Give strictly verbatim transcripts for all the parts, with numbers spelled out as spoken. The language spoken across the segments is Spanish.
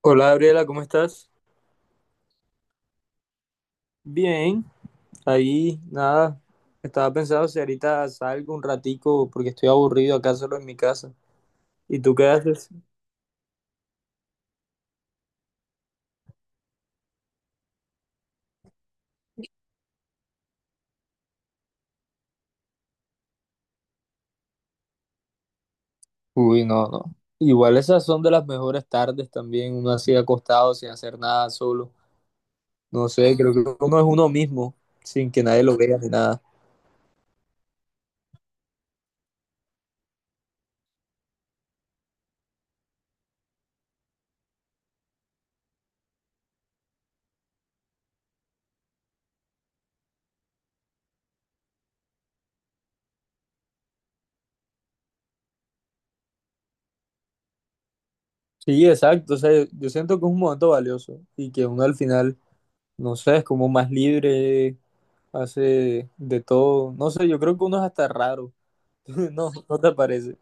Hola Gabriela, ¿cómo estás? Bien, ahí nada, estaba pensando si ahorita salgo un ratico porque estoy aburrido acá solo en mi casa. ¿Y tú qué haces? Uy, no, no. Igual esas son de las mejores tardes también, uno así acostado sin hacer nada solo. No sé, creo que uno es uno mismo, sin que nadie lo vea ni nada. Sí, exacto, o sea, yo siento que es un momento valioso y que uno al final, no sé, es como más libre, hace de todo. No sé, yo creo que uno es hasta raro. No, ¿no te parece?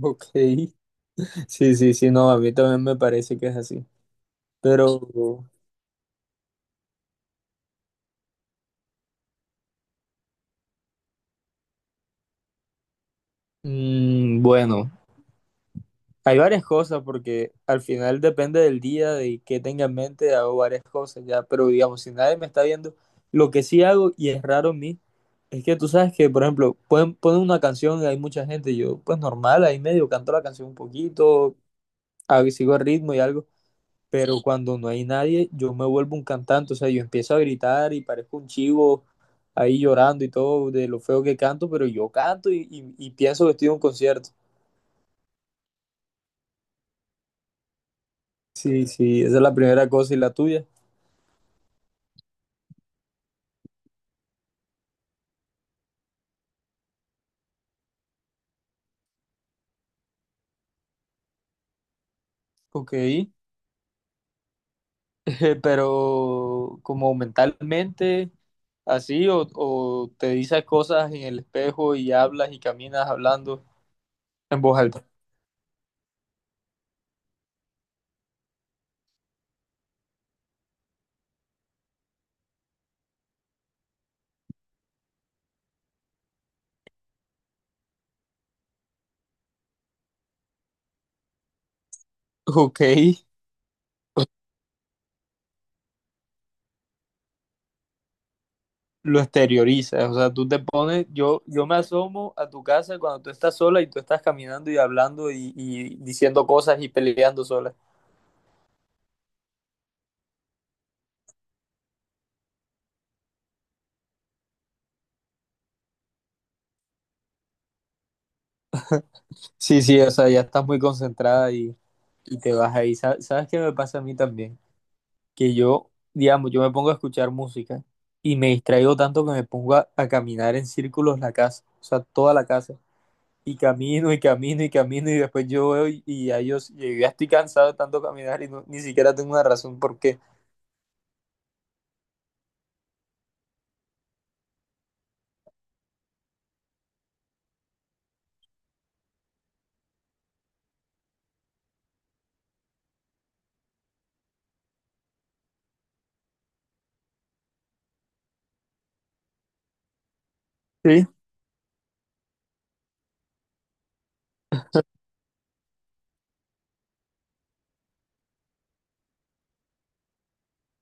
Ok, sí, sí, sí, no, a mí también me parece que es así. Pero mm, bueno, hay varias cosas porque al final depende del día, de qué tenga en mente, hago varias cosas ya, pero digamos, si nadie me está viendo, lo que sí hago, y es raro en mí, es que tú sabes que, por ejemplo, pueden poner una canción y hay mucha gente, yo pues normal, ahí medio canto la canción un poquito, a- sigo el ritmo y algo, pero cuando no hay nadie, yo me vuelvo un cantante, o sea, yo empiezo a gritar y parezco un chivo ahí llorando y todo de lo feo que canto, pero yo canto y, y- y pienso que estoy en un concierto. Sí, sí, esa es la primera cosa y la tuya. Ok, pero como mentalmente, así, o, o te dices cosas en el espejo y hablas y caminas hablando en voz alta. Ok, lo exteriorizas, o sea, tú te pones, yo, yo me asomo a tu casa cuando tú estás sola y tú estás caminando y hablando y, y diciendo cosas y peleando sola. Sí, sí, o sea, ya estás muy concentrada y, y te vas ahí. Sa- ¿Sabes qué me pasa a mí también? Que yo, digamos, yo me pongo a escuchar música y me distraigo tanto que me pongo a, a caminar en círculos la casa, o sea, toda la casa. Y camino y camino y camino y después yo veo y, y ya yo, yo ya estoy cansado de tanto caminar y no- ni siquiera tengo una razón por qué. Sí,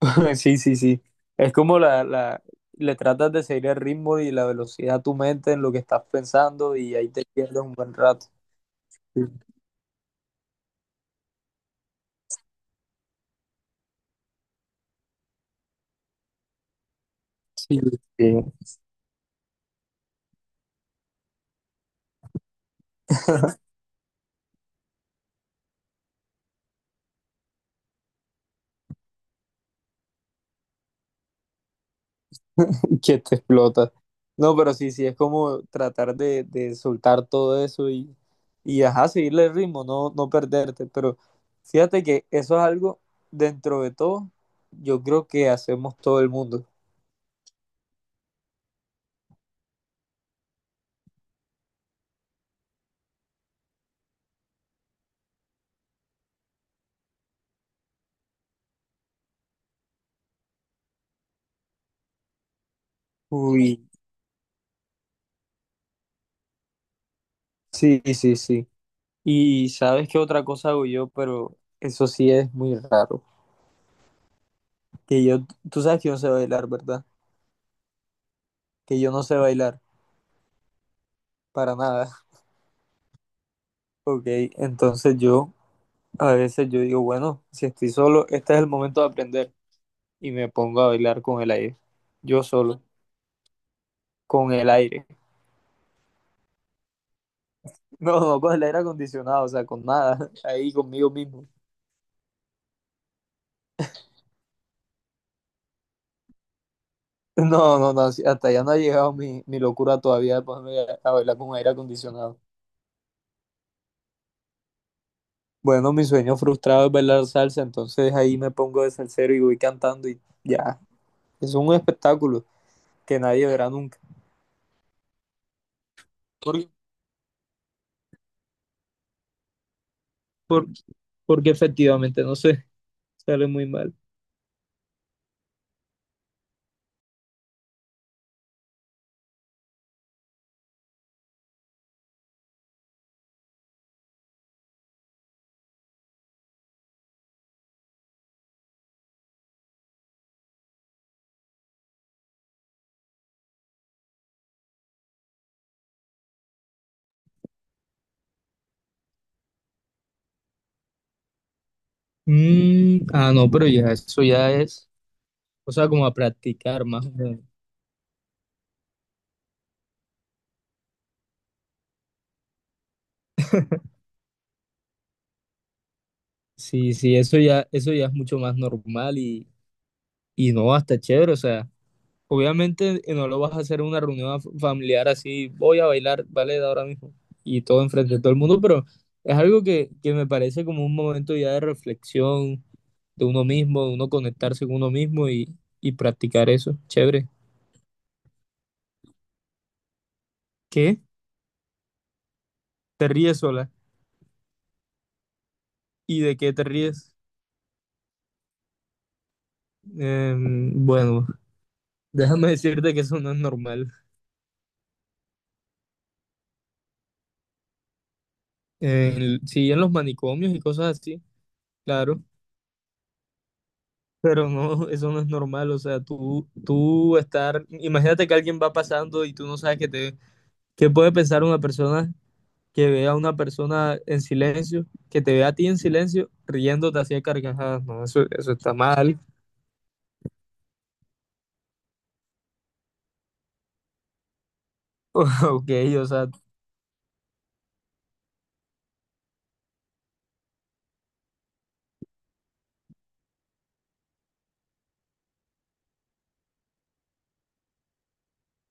sí, sí, sí. Es como la, la, le tratas de seguir el ritmo y la velocidad a tu mente en lo que estás pensando y ahí te pierdes un buen rato. Sí, sí. Que te explota. No, pero sí, sí, es como tratar de, de soltar todo eso y, y ajá, seguirle el ritmo, no, no perderte. Pero fíjate que eso es algo dentro de todo, yo creo que hacemos todo el mundo. Uy, sí, sí, sí. Y sabes qué otra cosa hago yo, pero eso sí es muy raro. Que yo, tú sabes que yo no sé bailar, ¿verdad? Que yo no sé bailar para nada. Ok, entonces yo a veces yo digo, bueno, si estoy solo, este es el momento de aprender. Y me pongo a bailar con el aire. Yo solo, con el aire. No, no con el aire acondicionado, o sea, con nada. Ahí conmigo mismo. No, no, no, sí, hasta ya no ha llegado mi, mi locura todavía de ponerme a a bailar con aire acondicionado. Bueno, mi sueño frustrado es bailar salsa, entonces ahí me pongo de salsero y voy cantando y ya, es un espectáculo que nadie verá nunca. Por- por- porque efectivamente, no sé, sale muy mal. Mm, ah, no, pero ya eso ya es, o sea, como a practicar más o menos. Sí, sí, eso ya, eso ya es mucho más normal y, y no, hasta chévere, o sea. Obviamente eh, no lo vas a hacer en una reunión af- familiar así, voy a bailar ballet ahora mismo y todo enfrente de todo el mundo, pero es algo que, que me parece como un momento ya de reflexión de uno mismo, de uno conectarse con uno mismo y, y practicar eso. Chévere. ¿Qué? ¿Te ríes sola? ¿Y de qué te ríes? Em, bueno, déjame decirte que eso no es normal. En- sí, en los manicomios y cosas así, claro. Pero no, eso no es normal, o sea, tú, tú estar, imagínate que alguien va pasando y tú no sabes qué te, qué puede pensar una persona que vea a una persona en silencio, que te vea a ti en silencio, riéndote así a carcajadas, no, eso, eso está mal, ok, o sea,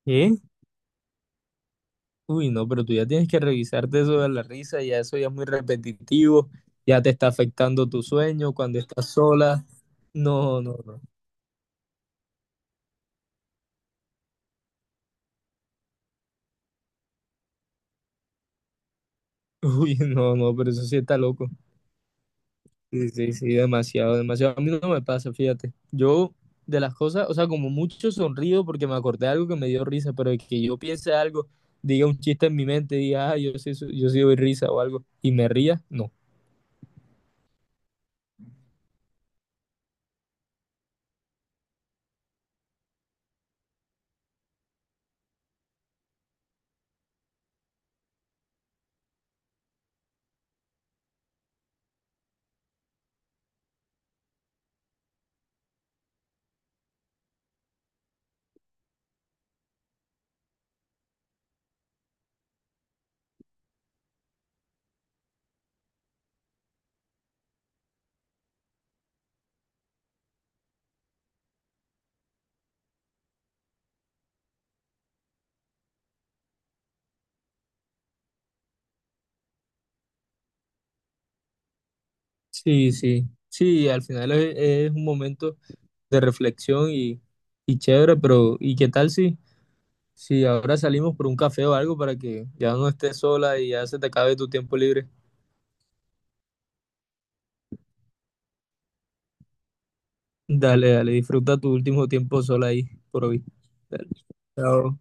¿qué? Uy, no, pero tú ya tienes que revisarte eso de la risa, ya eso ya es muy repetitivo, ya te está afectando tu sueño cuando estás sola, no, no, no, uy, no, no, pero eso sí está loco. Sí, sí, sí, demasiado, demasiado. A mí no me pasa, fíjate. Yo, de las cosas, o sea, como mucho sonrío porque me acordé de algo que me dio risa, pero de que yo piense algo, diga un chiste en mi mente, diga, ah, yo sí, so- yo sí doy risa o algo, y me ría, no. Sí, sí, sí, al final es, es un momento de reflexión y, y chévere, pero ¿y qué tal si, si ahora salimos por un café o algo para que ya no estés sola y ya se te acabe tu tiempo libre? Dale, dale, disfruta tu último tiempo sola ahí, por hoy. Dale. Chao.